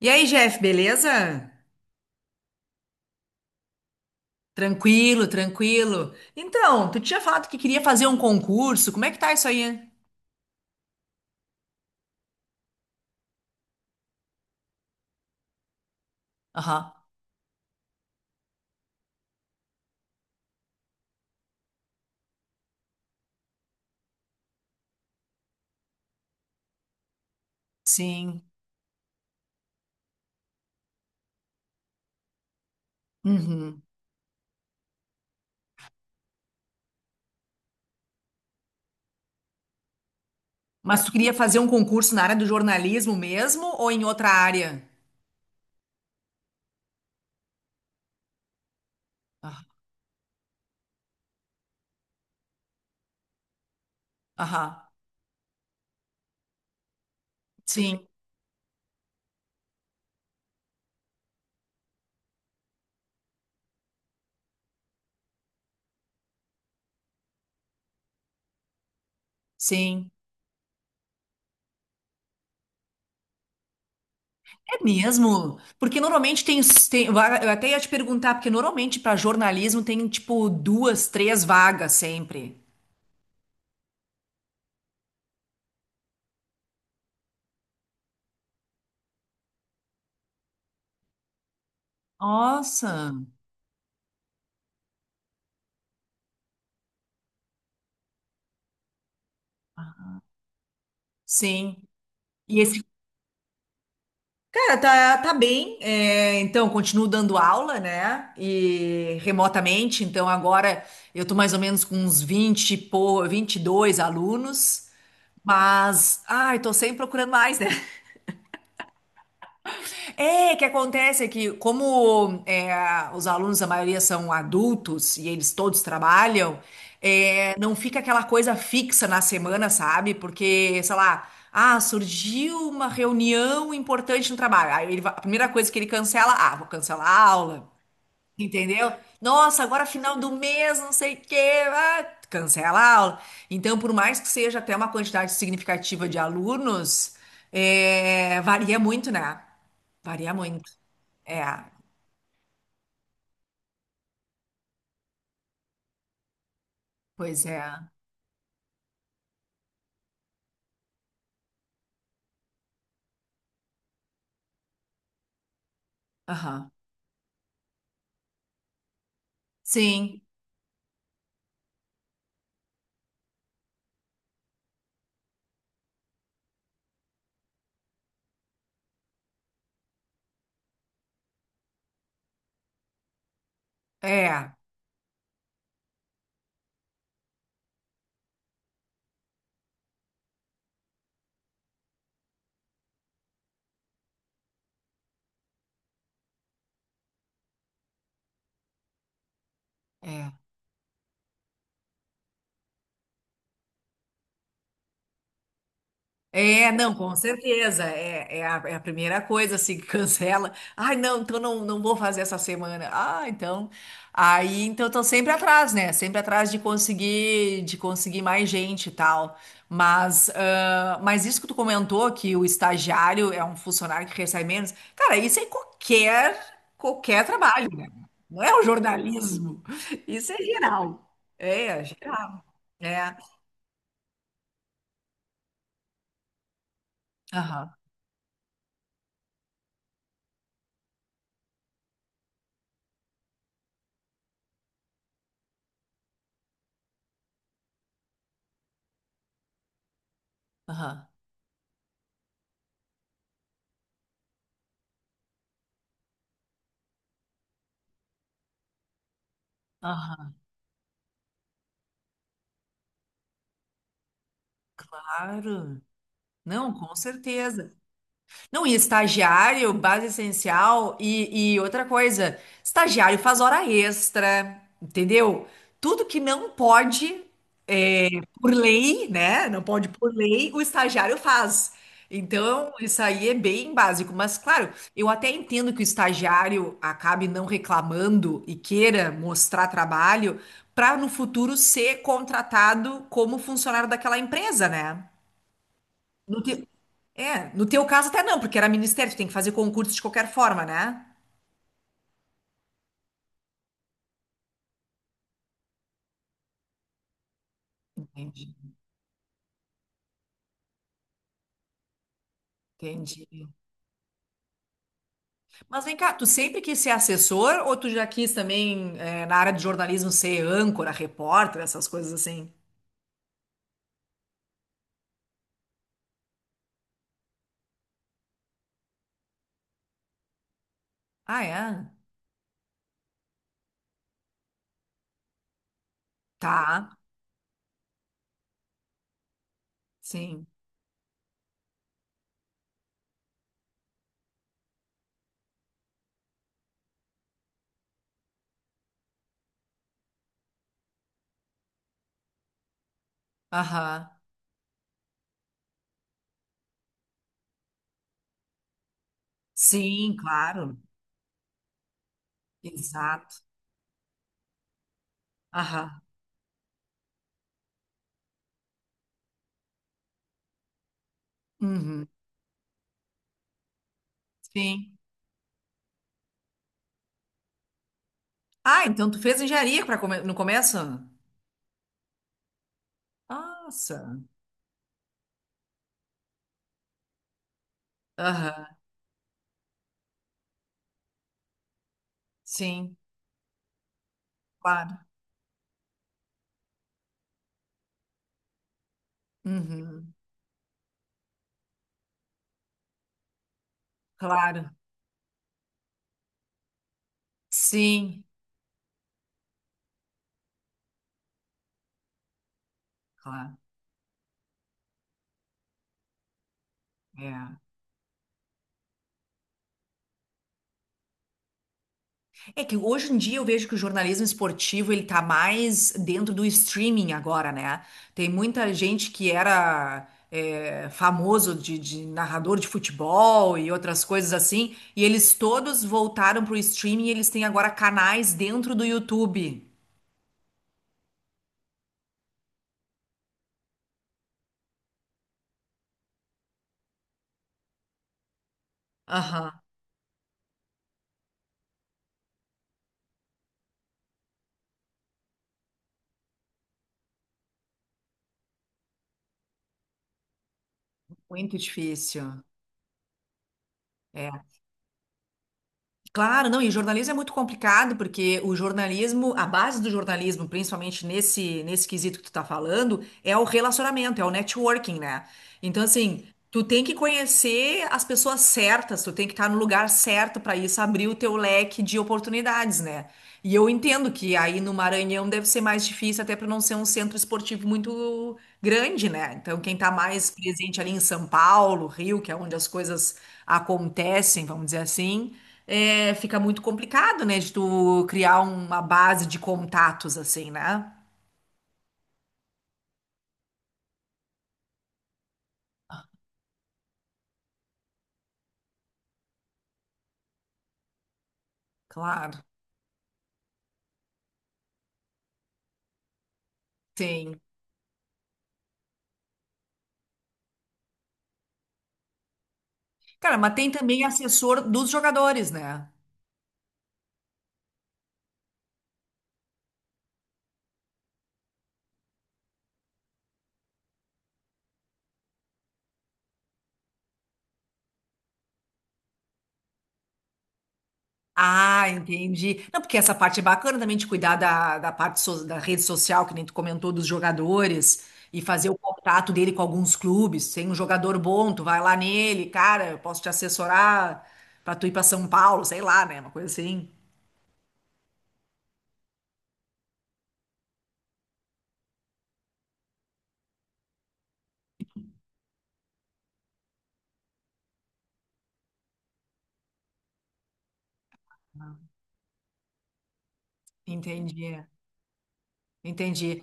E aí, Jeff, beleza? Tranquilo, tranquilo. Então, tu tinha falado que queria fazer um concurso. Como é que tá isso aí? Aham. Sim. Uhum. Mas tu queria fazer um concurso na área do jornalismo mesmo ou em outra área? Ah. Aham. Sim, sim. É mesmo? Porque normalmente tem, eu até ia te perguntar, porque normalmente para jornalismo tem tipo duas, três vagas sempre. Nossa. Sim. E esse. Cara, tá, tá bem. Então, continuo dando aula, né? E remotamente. Então, agora eu tô mais ou menos com uns 22 alunos. Mas, ai, tô sempre procurando mais, né? É, que acontece é que, como é, os alunos, a maioria são adultos e eles todos trabalham, não fica aquela coisa fixa na semana, sabe? Porque, sei lá, ah, surgiu uma reunião importante no trabalho. Aí a primeira coisa que ele cancela, ah, vou cancelar a aula. Entendeu? Nossa, agora final do mês, não sei o quê, ah, cancela a aula. Então, por mais que seja até uma quantidade significativa de alunos, varia muito, né? Varia muito. É, pois é. Aham. Sim, é, é. É, não, com certeza. É, é a primeira coisa, assim, que cancela. Ai, não, então não, não vou fazer essa semana. Ah, então. Aí, então, eu tô sempre atrás, né? Sempre atrás de conseguir mais gente e tal. Mas, ah, mas isso que tu comentou, que o estagiário é um funcionário que recebe menos. Cara, isso é em qualquer, qualquer trabalho, né? Não é o jornalismo. Isso é geral. É, é geral. É. Aham, aham, aham. Claro. Não, com certeza. Não, e estagiário, base essencial, e outra coisa, estagiário faz hora extra, entendeu? Tudo que não pode, é, por lei, né? Não pode por lei, o estagiário faz. Então, isso aí é bem básico. Mas, claro, eu até entendo que o estagiário acabe não reclamando e queira mostrar trabalho para no futuro ser contratado como funcionário daquela empresa, né? No te- é, no teu caso até não, porque era ministério, tu tem que fazer concurso de qualquer forma, né? Entendi, entendi. Mas vem cá, tu sempre quis ser assessor ou tu já quis também, na área de jornalismo, ser âncora, repórter, essas coisas assim? Ah, é? Tá, sim. Aham. Sim, claro. Exato. Aham. Uhum. Sim. Ah, então tu fez engenharia no começo? Nossa. Aham. Sim, claro. Uhum. Claro. Sim, claro. É. É que hoje em dia eu vejo que o jornalismo esportivo ele tá mais dentro do streaming agora, né? Tem muita gente que famoso de narrador de futebol e outras coisas assim, e eles todos voltaram pro streaming e eles têm agora canais dentro do YouTube. Aham. Muito difícil. É. Claro, não, e jornalismo é muito complicado, porque o jornalismo, a base do jornalismo, principalmente nesse quesito que tu tá falando, é o relacionamento, é o networking, né? Então, assim, tu tem que conhecer as pessoas certas, tu tem que estar no lugar certo para isso abrir o teu leque de oportunidades, né? E eu entendo que aí no Maranhão deve ser mais difícil, até para não ser um centro esportivo muito grande, né? Então, quem está mais presente ali em São Paulo, Rio, que é onde as coisas acontecem, vamos dizer assim, fica muito complicado, né? De tu criar uma base de contatos, assim, né? Claro, tem. Cara, mas tem também assessor dos jogadores, né? Ah, entendi. Não, porque essa parte é bacana também de cuidar da da rede social, que nem tu comentou, dos jogadores, e fazer o contato dele com alguns clubes. Tem um jogador bom, tu vai lá nele, cara, eu posso te assessorar pra tu ir pra São Paulo, sei lá, né? Uma coisa assim. Entendi, entendi.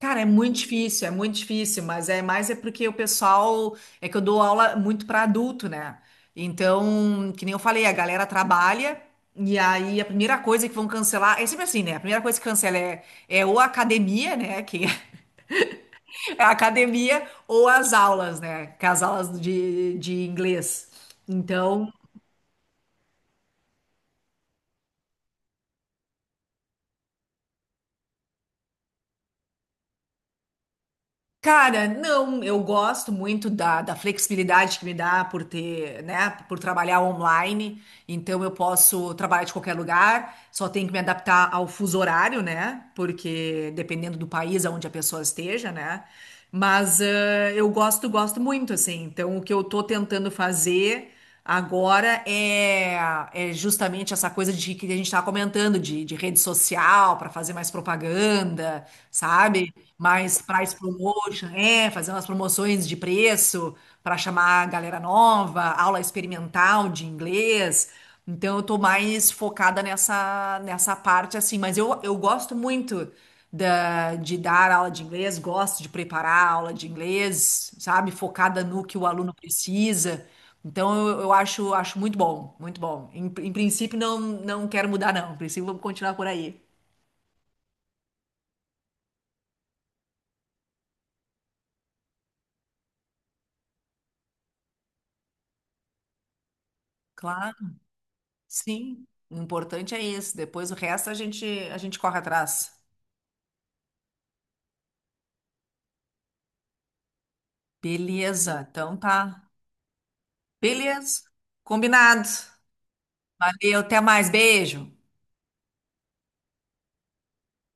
Cara, é muito difícil, mas é mais porque o pessoal, é que eu dou aula muito para adulto, né? Então, que nem eu falei, a galera trabalha e aí a primeira coisa que vão cancelar, é sempre assim, né? A primeira coisa que cancela é, é ou a academia, né? Que é a academia ou as aulas, né? Que é as aulas de inglês. Então. Cara, não, eu gosto muito da flexibilidade que me dá por ter, né, por trabalhar online, então eu posso trabalhar de qualquer lugar, só tenho que me adaptar ao fuso horário, né, porque dependendo do país aonde a pessoa esteja, né, mas eu gosto, gosto muito, assim, então o que eu tô tentando fazer agora é justamente essa coisa de que a gente estava comentando, de rede social para fazer mais propaganda, sabe? Mais price promotion, é, fazer umas promoções de preço para chamar a galera nova, aula experimental de inglês. Então eu tô mais focada nessa parte assim, mas eu gosto muito da, de dar aula de inglês, gosto de preparar aula de inglês, sabe? Focada no que o aluno precisa. Então eu acho, acho muito bom, muito bom. Em princípio, não, não quero mudar, não. Em princípio, vamos continuar por aí. Claro, sim. O importante é isso. Depois o resto a gente corre atrás. Beleza, então tá. Beleza. Combinado. Valeu, até mais. Beijo.